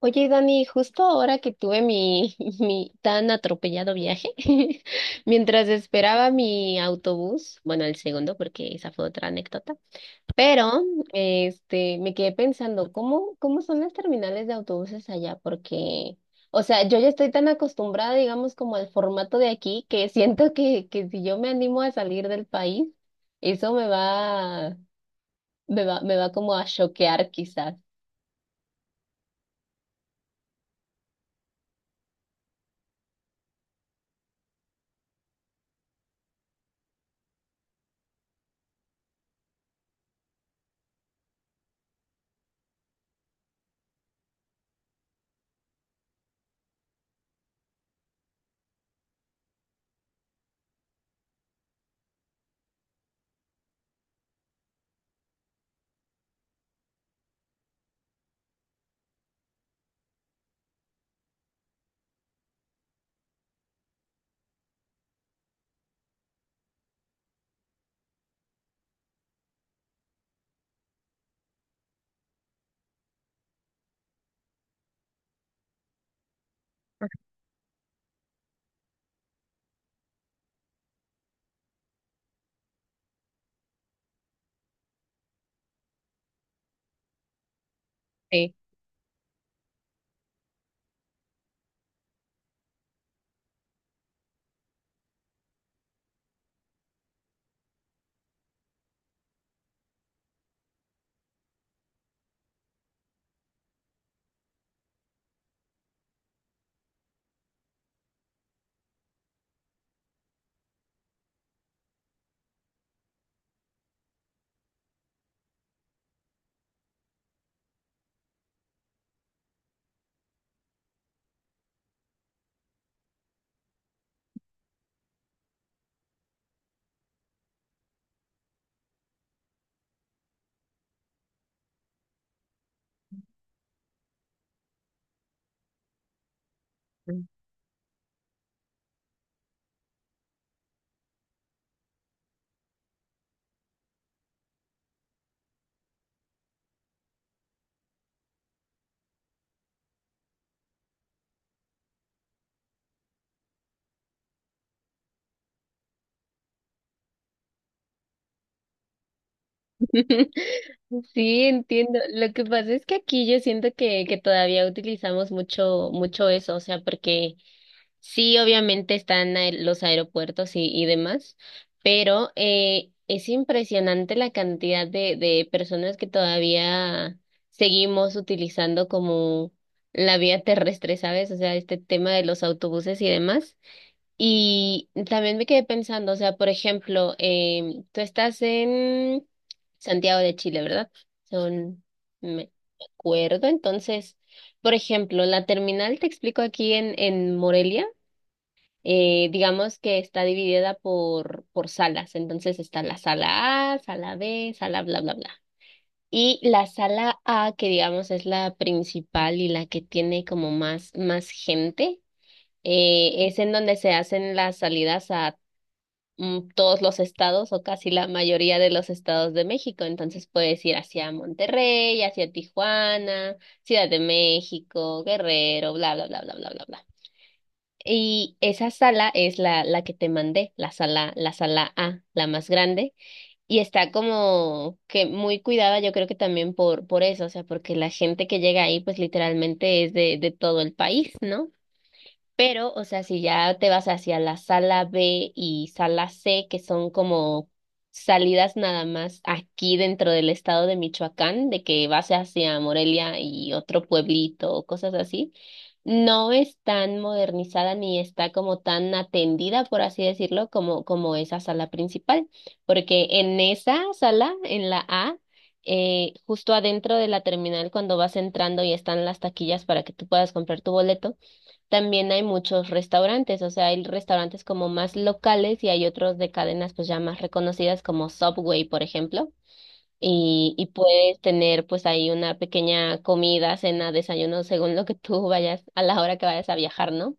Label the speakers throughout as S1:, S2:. S1: Oye, Dani, justo ahora que tuve mi tan atropellado viaje, mientras esperaba mi autobús, bueno, el segundo, porque esa fue otra anécdota, pero me quedé pensando, ¿cómo, cómo son las terminales de autobuses allá? Porque, o sea, yo ya estoy tan acostumbrada, digamos, como al formato de aquí, que siento que si yo me animo a salir del país, eso me va, me va, me va como a choquear quizás. Sí. Sí, entiendo. Lo que pasa es que aquí yo siento que todavía utilizamos mucho, mucho eso, o sea, porque sí, obviamente están los aeropuertos y demás, pero es impresionante la cantidad de personas que todavía seguimos utilizando como la vía terrestre, ¿sabes? O sea, este tema de los autobuses y demás. Y también me quedé pensando, o sea, por ejemplo, tú estás en Santiago de Chile, ¿verdad? Son, me acuerdo. Entonces, por ejemplo, la terminal, te explico aquí en Morelia, digamos que está dividida por salas. Entonces está la sala A, sala B, sala bla, bla, bla. Y la sala A, que digamos es la principal y la que tiene como más, más gente, es en donde se hacen las salidas a todos los estados o casi la mayoría de los estados de México. Entonces puedes ir hacia Monterrey, hacia Tijuana, Ciudad de México, Guerrero, bla, bla, bla, bla, bla, bla, bla. Y esa sala es la que te mandé, la sala A, la más grande, y está como que muy cuidada, yo creo que también por eso, o sea, porque la gente que llega ahí, pues literalmente es de todo el país, ¿no? Pero, o sea, si ya te vas hacia la sala B y sala C, que son como salidas nada más aquí dentro del estado de Michoacán, de que vas hacia Morelia y otro pueblito o cosas así, no es tan modernizada ni está como tan atendida, por así decirlo, como, como esa sala principal, porque en esa sala, en la A, justo adentro de la terminal, cuando vas entrando y están las taquillas para que tú puedas comprar tu boleto, también hay muchos restaurantes, o sea, hay restaurantes como más locales y hay otros de cadenas pues ya más reconocidas como Subway, por ejemplo. Y puedes tener pues ahí una pequeña comida, cena, desayuno, según lo que tú vayas, a la hora que vayas a viajar, ¿no?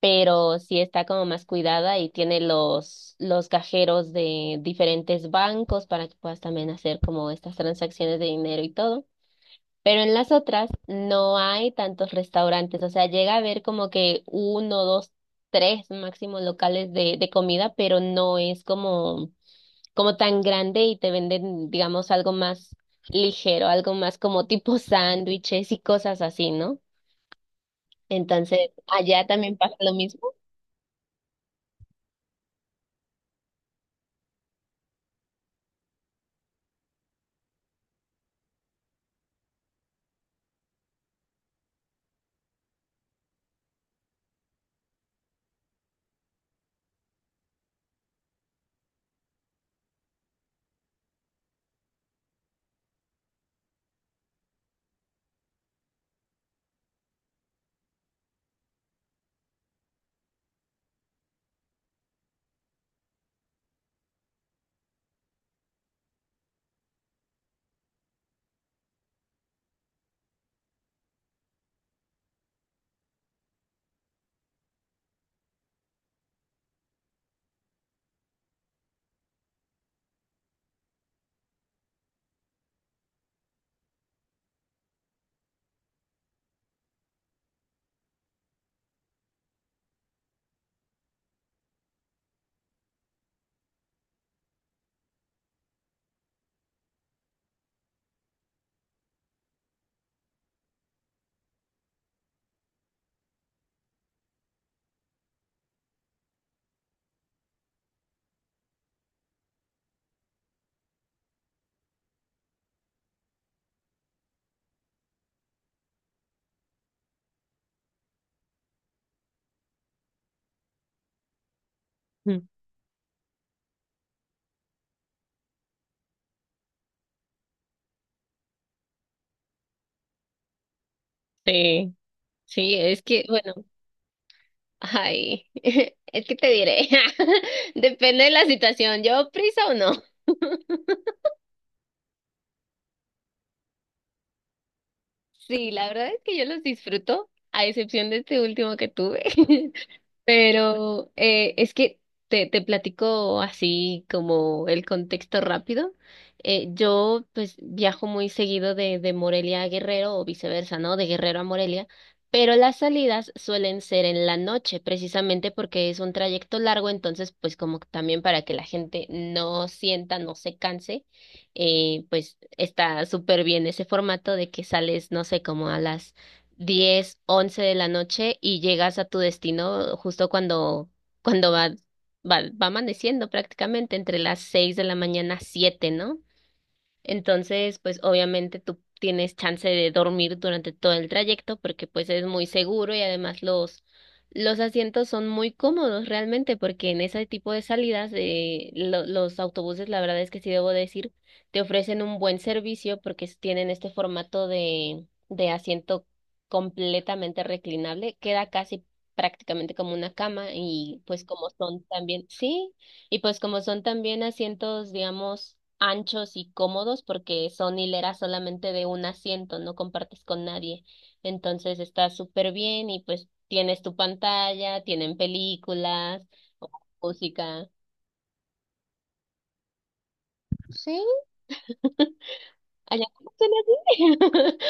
S1: Pero sí está como más cuidada y tiene los cajeros de diferentes bancos para que puedas también hacer como estas transacciones de dinero y todo. Pero en las otras no hay tantos restaurantes, o sea, llega a haber como que uno, dos, tres máximo locales de comida, pero no es como, como tan grande y te venden, digamos, algo más ligero, algo más como tipo sándwiches y cosas así, ¿no? Entonces, allá también pasa lo mismo. Mm. Sí, sí, es que, bueno, ay, es que te diré, depende de la situación, ¿llevo prisa o no? Sí, la verdad es que yo los disfruto, a excepción de este último que tuve. Pero es que te platico así como el contexto rápido. Yo pues viajo muy seguido de Morelia a Guerrero o viceversa, ¿no? De Guerrero a Morelia, pero las salidas suelen ser en la noche, precisamente porque es un trayecto largo, entonces pues como que también para que la gente no sienta, no se canse, pues está súper bien ese formato de que sales, no sé, como a las 10 u 11 de la noche y llegas a tu destino justo cuando, cuando va, va amaneciendo prácticamente entre las 6 de la mañana, 7, ¿no? Entonces, pues obviamente tú tienes chance de dormir durante todo el trayecto porque pues es muy seguro y además los asientos son muy cómodos realmente porque en ese tipo de salidas los autobuses, la verdad es que sí debo decir, te ofrecen un buen servicio porque tienen este formato de asiento completamente reclinable, queda casi prácticamente como una cama y pues como son también, sí. Y pues como son también asientos, digamos, anchos y cómodos, porque son hileras solamente de un asiento, no compartes con nadie. Entonces está súper bien y pues tienes tu pantalla, tienen películas, música. Sí, allá no funciona así.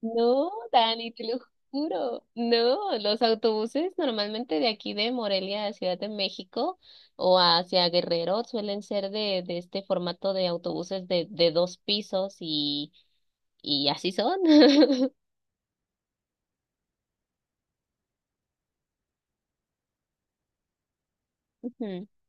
S1: No, Dani, te lo juro. No, los autobuses normalmente de aquí de Morelia a Ciudad de México o hacia Guerrero suelen ser de este formato de autobuses de dos pisos y así son.